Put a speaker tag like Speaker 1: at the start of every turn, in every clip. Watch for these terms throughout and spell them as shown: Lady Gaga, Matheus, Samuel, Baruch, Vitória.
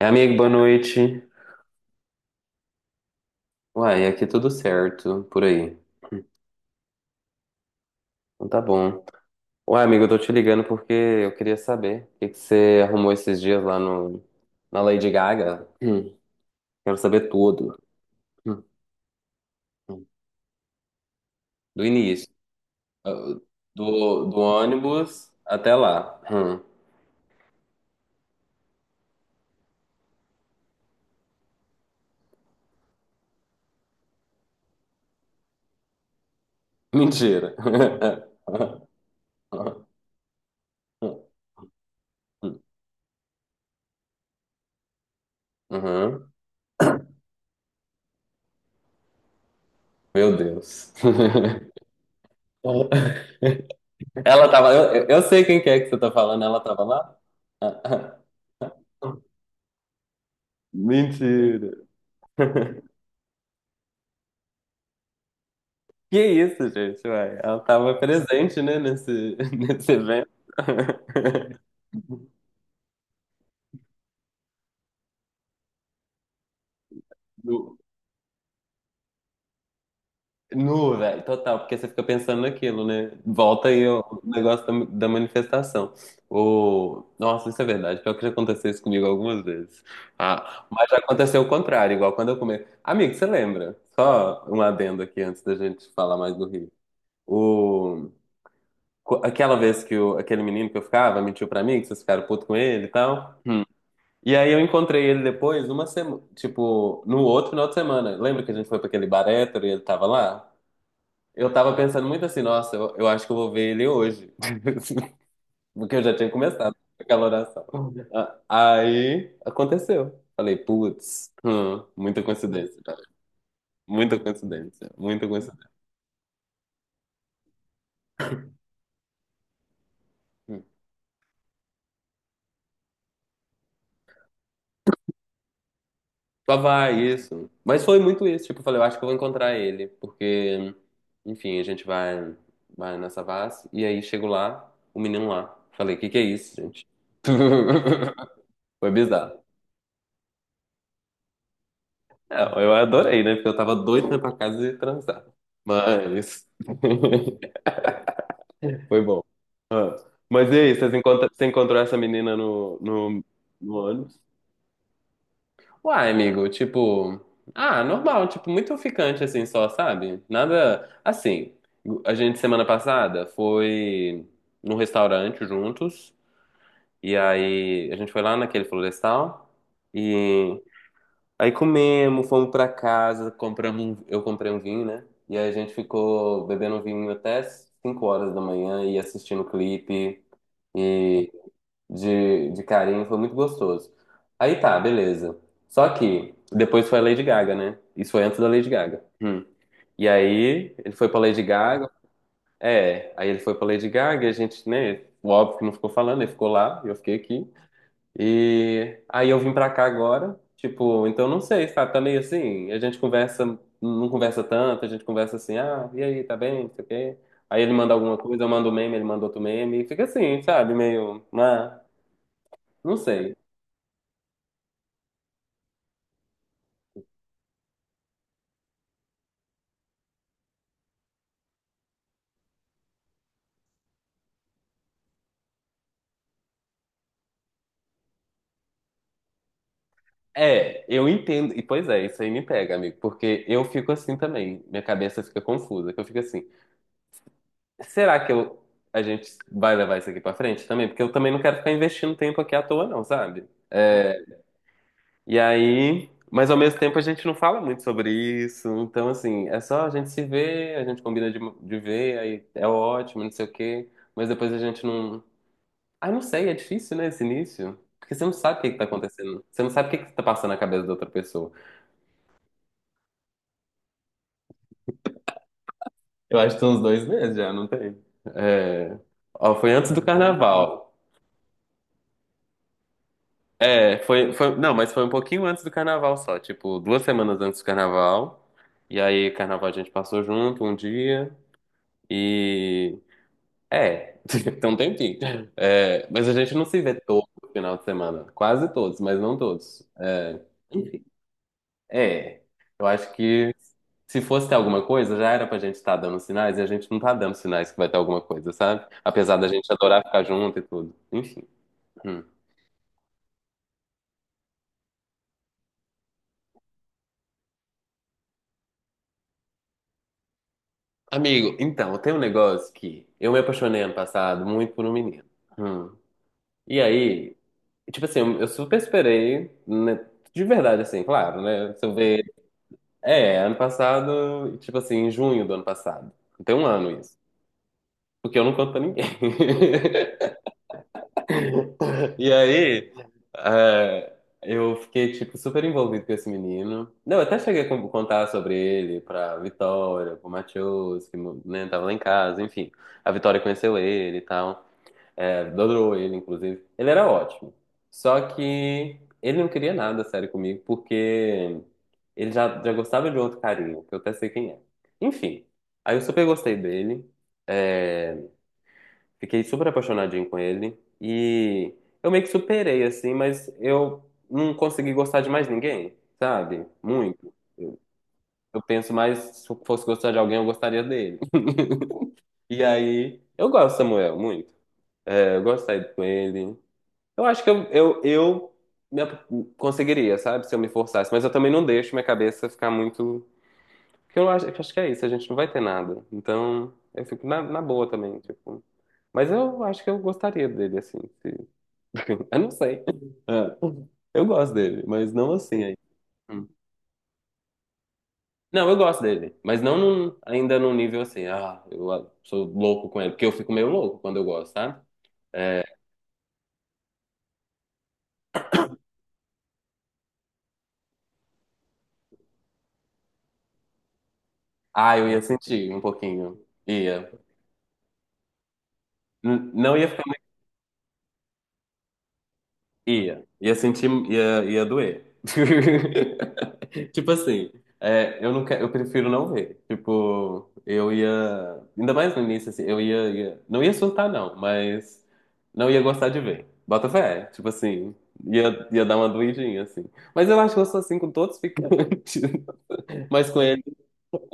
Speaker 1: É, amigo, boa noite. Uai, aqui tudo certo, por aí. Então tá bom. Uai, amigo, eu tô te ligando porque eu queria saber o que que você arrumou esses dias lá no, na Lady Gaga. Quero saber tudo. Hum, hum. Do início. Ah, do ônibus até lá. Hum. Mentira. Uhum. Meu Deus. Ela tava. Eu sei quem que é que você tá falando, ela tava lá? Mentira. Que isso, gente, uai. Ela estava presente, né, nesse, nesse evento. Nu, nu, velho, total, porque você fica pensando naquilo, né? Volta aí ó, o negócio da manifestação. Nossa, isso é verdade. Pior que já aconteceu isso comigo algumas vezes. Ah, mas já aconteceu o contrário, igual quando eu comi. Amigo, você lembra? Só um adendo aqui antes da gente falar mais do Rio. O... Aquela vez que aquele menino que eu ficava mentiu pra mim, que vocês ficaram puto com ele e tal. E aí eu encontrei ele depois, numa semana, tipo, no outro final de semana. Lembra que a gente foi pra aquele bar hétero e ele tava lá? Eu tava pensando muito assim, nossa, eu acho que eu vou ver ele hoje. Porque eu já tinha começado aquela oração. Aí aconteceu. Falei, putz, muita coincidência, cara. Muita coincidência, muita coincidência. Só vai, isso. Mas foi muito isso. Tipo, eu falei, eu acho que eu vou encontrar ele. Porque, enfim, a gente vai, nessa vase. E aí chego lá, o menino lá. Falei, o que que é isso, gente? Foi bizarro. É, eu adorei, né? Porque eu tava doido pra ir pra casa e transar. Mas. Foi bom. Ah, mas e aí, você encontrou essa menina no ônibus? Uai, amigo, tipo, ah, normal, tipo, muito ficante assim só, sabe? Nada assim. A gente semana passada foi num restaurante juntos, e aí a gente foi lá naquele florestal, e aí comemos, fomos pra casa, eu comprei um vinho, né? E aí a gente ficou bebendo vinho até 5 horas da manhã e assistindo clipe de carinho, foi muito gostoso. Aí tá, beleza. Só que depois foi a Lady Gaga, né? Isso foi antes da Lady Gaga. Hum. E aí ele foi pra Lady Gaga. É, aí ele foi pra Lady Gaga e a gente, né? Óbvio que não ficou falando, ele ficou lá, e eu fiquei aqui. E aí eu vim pra cá agora. Tipo, então não sei, sabe? Tá meio assim, a gente conversa, não conversa tanto, a gente conversa assim, ah, e aí, tá bem, não sei o quê. Aí ele manda alguma coisa, eu mando um meme, ele manda outro meme, e fica assim, sabe? Meio, ah, não sei. É, eu entendo. E pois é, isso aí me pega, amigo, porque eu fico assim também. Minha cabeça fica confusa, que eu fico assim, será que eu a gente vai levar isso aqui pra frente também? Porque eu também não quero ficar investindo tempo aqui à toa não, sabe? É, e aí, mas ao mesmo tempo a gente não fala muito sobre isso. Então assim, é só a gente se ver, a gente combina de ver, aí é ótimo, não sei o quê, mas depois a gente não. Ah, não sei, é difícil, né, esse início? Porque você não sabe o que que tá acontecendo. Você não sabe o que que tá passando na cabeça da outra pessoa. Eu acho que tem uns 2 meses já, não tem? É... Ó, foi antes do carnaval. É, foi, foi. Não, mas foi um pouquinho antes do carnaval só. Tipo, 2 semanas antes do carnaval. E aí, carnaval a gente passou junto um dia. E. É, tem um tempinho. É, mas a gente não se vê todo final de semana. Quase todos, mas não todos. É, enfim, é. Eu acho que se fosse ter alguma coisa, já era pra gente estar dando sinais e a gente não tá dando sinais que vai ter alguma coisa, sabe? Apesar da gente adorar ficar junto e tudo. Enfim. Hum. Amigo, então, tem um negócio que eu me apaixonei ano passado muito por um menino. Hum. E aí, tipo assim, eu super esperei, né? De verdade, assim, claro, né? Se eu ver. É, ano passado, tipo assim, em junho do ano passado. Tem um ano isso. Porque eu não conto pra ninguém. E aí, é, eu fiquei, tipo, super envolvido com esse menino. Não, eu até cheguei a contar sobre ele pra Vitória, pro Matheus, que, né, tava lá em casa, enfim. A Vitória conheceu ele e tal. É, adorou ele, inclusive. Ele era ótimo. Só que ele não queria nada sério comigo, porque ele já gostava de outro carinho, que eu até sei quem é. Enfim, aí eu super gostei dele. é, Fiquei super apaixonadinho com ele. E eu meio que superei, assim, mas eu não consegui gostar de mais ninguém, sabe? Muito. Eu penso mais, se eu fosse gostar de alguém, eu gostaria dele. E aí, eu gosto do Samuel, muito. É, eu gosto de sair com ele. Eu acho que eu me ap- conseguiria, sabe? Se eu me forçasse. Mas eu também não deixo minha cabeça ficar muito. Porque eu acho que é isso, a gente não vai ter nada. Então, eu fico na boa também, tipo. Mas eu acho que eu gostaria dele, assim. Eu não sei. Ah, eu gosto dele, mas não assim aí. Hum. Não, eu gosto dele, mas não num- ainda num nível assim, ah, eu sou louco com ele, porque eu fico meio louco quando eu gosto, sabe? É, ah, eu ia sentir um pouquinho. Ia. Não ia. Ia sentir, ia doer. Tipo assim, eu não quero, eu prefiro não ver. Tipo, eu ia, ainda mais no início, assim, eu não ia surtar não, mas não ia gostar de ver. Bota fé, tipo assim, ia dar uma doidinha, assim. Mas eu acho que eu sou assim com todos os ficantes, mas com ele,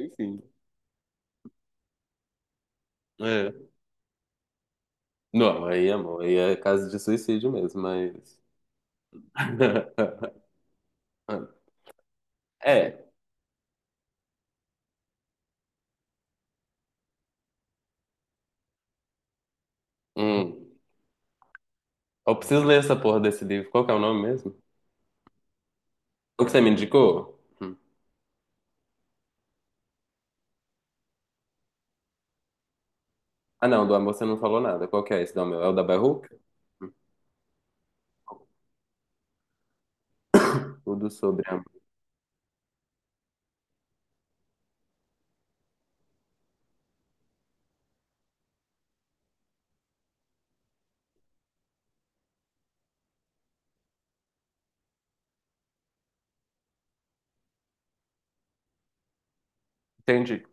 Speaker 1: enfim. É. Não, aí, amor, aí é caso de suicídio mesmo, mas... É. Hum. Eu preciso ler essa porra desse livro. Qual que é o nome mesmo? O que você me indicou? Hum. Ah, não, do amor você não falou nada. Qual que é esse do amor? É o da Baruch? O do sobre amor. Entendi.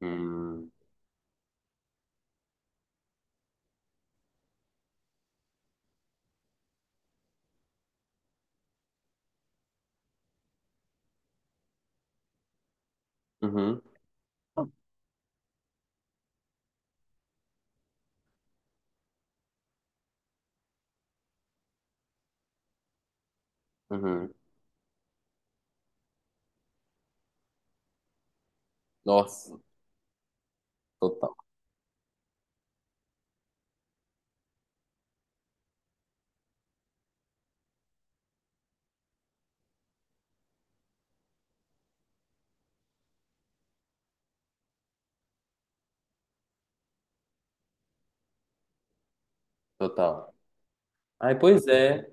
Speaker 1: Hum. Uhum, uhum. Nossa, total, total. Ai, pois é.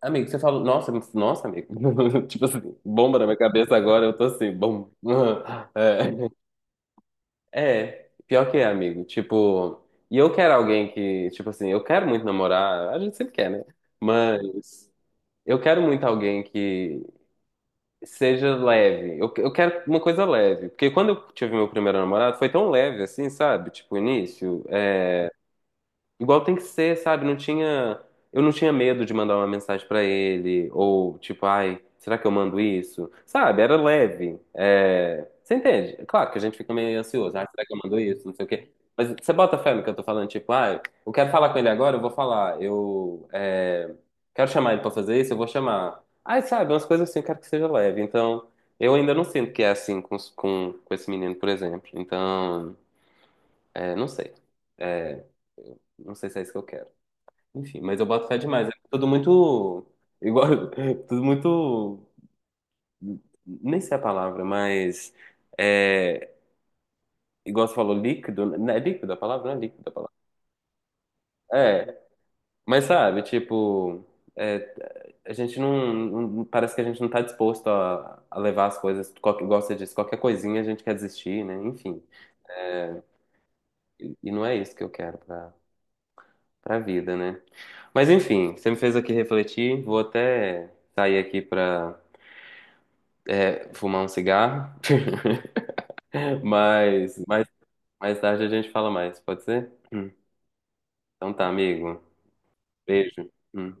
Speaker 1: Amigo, você falou. Nossa, nossa, amigo. Tipo assim, bomba na minha cabeça agora, eu tô assim, bom. É. É, pior que é, amigo. Tipo, e eu quero alguém que, tipo assim, eu quero muito namorar, a gente sempre quer, né? Mas eu quero muito alguém que seja leve. Eu quero uma coisa leve. Porque quando eu tive meu primeiro namorado, foi tão leve assim, sabe? Tipo, o início. Igual tem que ser, sabe? Eu não tinha medo de mandar uma mensagem pra ele ou tipo, ai, será que eu mando isso? Sabe? Era leve. É, você entende? É claro que a gente fica meio ansioso, ai, será que eu mando isso? Não sei o quê. Mas você bota fé no que eu tô falando, tipo, ai, eu quero falar com ele agora, eu vou falar. Eu quero chamar ele pra fazer isso, eu vou chamar. Ai, sabe, umas coisas assim, eu quero que seja leve. Então, eu ainda não sinto que é assim com esse menino, por exemplo. Então, não sei. É, não sei se é isso que eu quero. Enfim, mas eu boto fé demais. É tudo muito. Igual. Tudo muito. Nem sei a palavra, mas. É, igual você falou, líquido, né? É líquido a palavra? Não é líquido a palavra. É, mas sabe, tipo. é, a gente não, parece que a gente não tá disposto a, levar as coisas. Qualquer, igual você disse, qualquer coisinha a gente quer desistir, né? Enfim. E não é isso que eu quero pra vida, né? Mas enfim, você me fez aqui refletir. Vou até sair aqui pra fumar um cigarro. Mas mais tarde a gente fala mais, pode ser? Hum. Então tá, amigo. Beijo. Hum.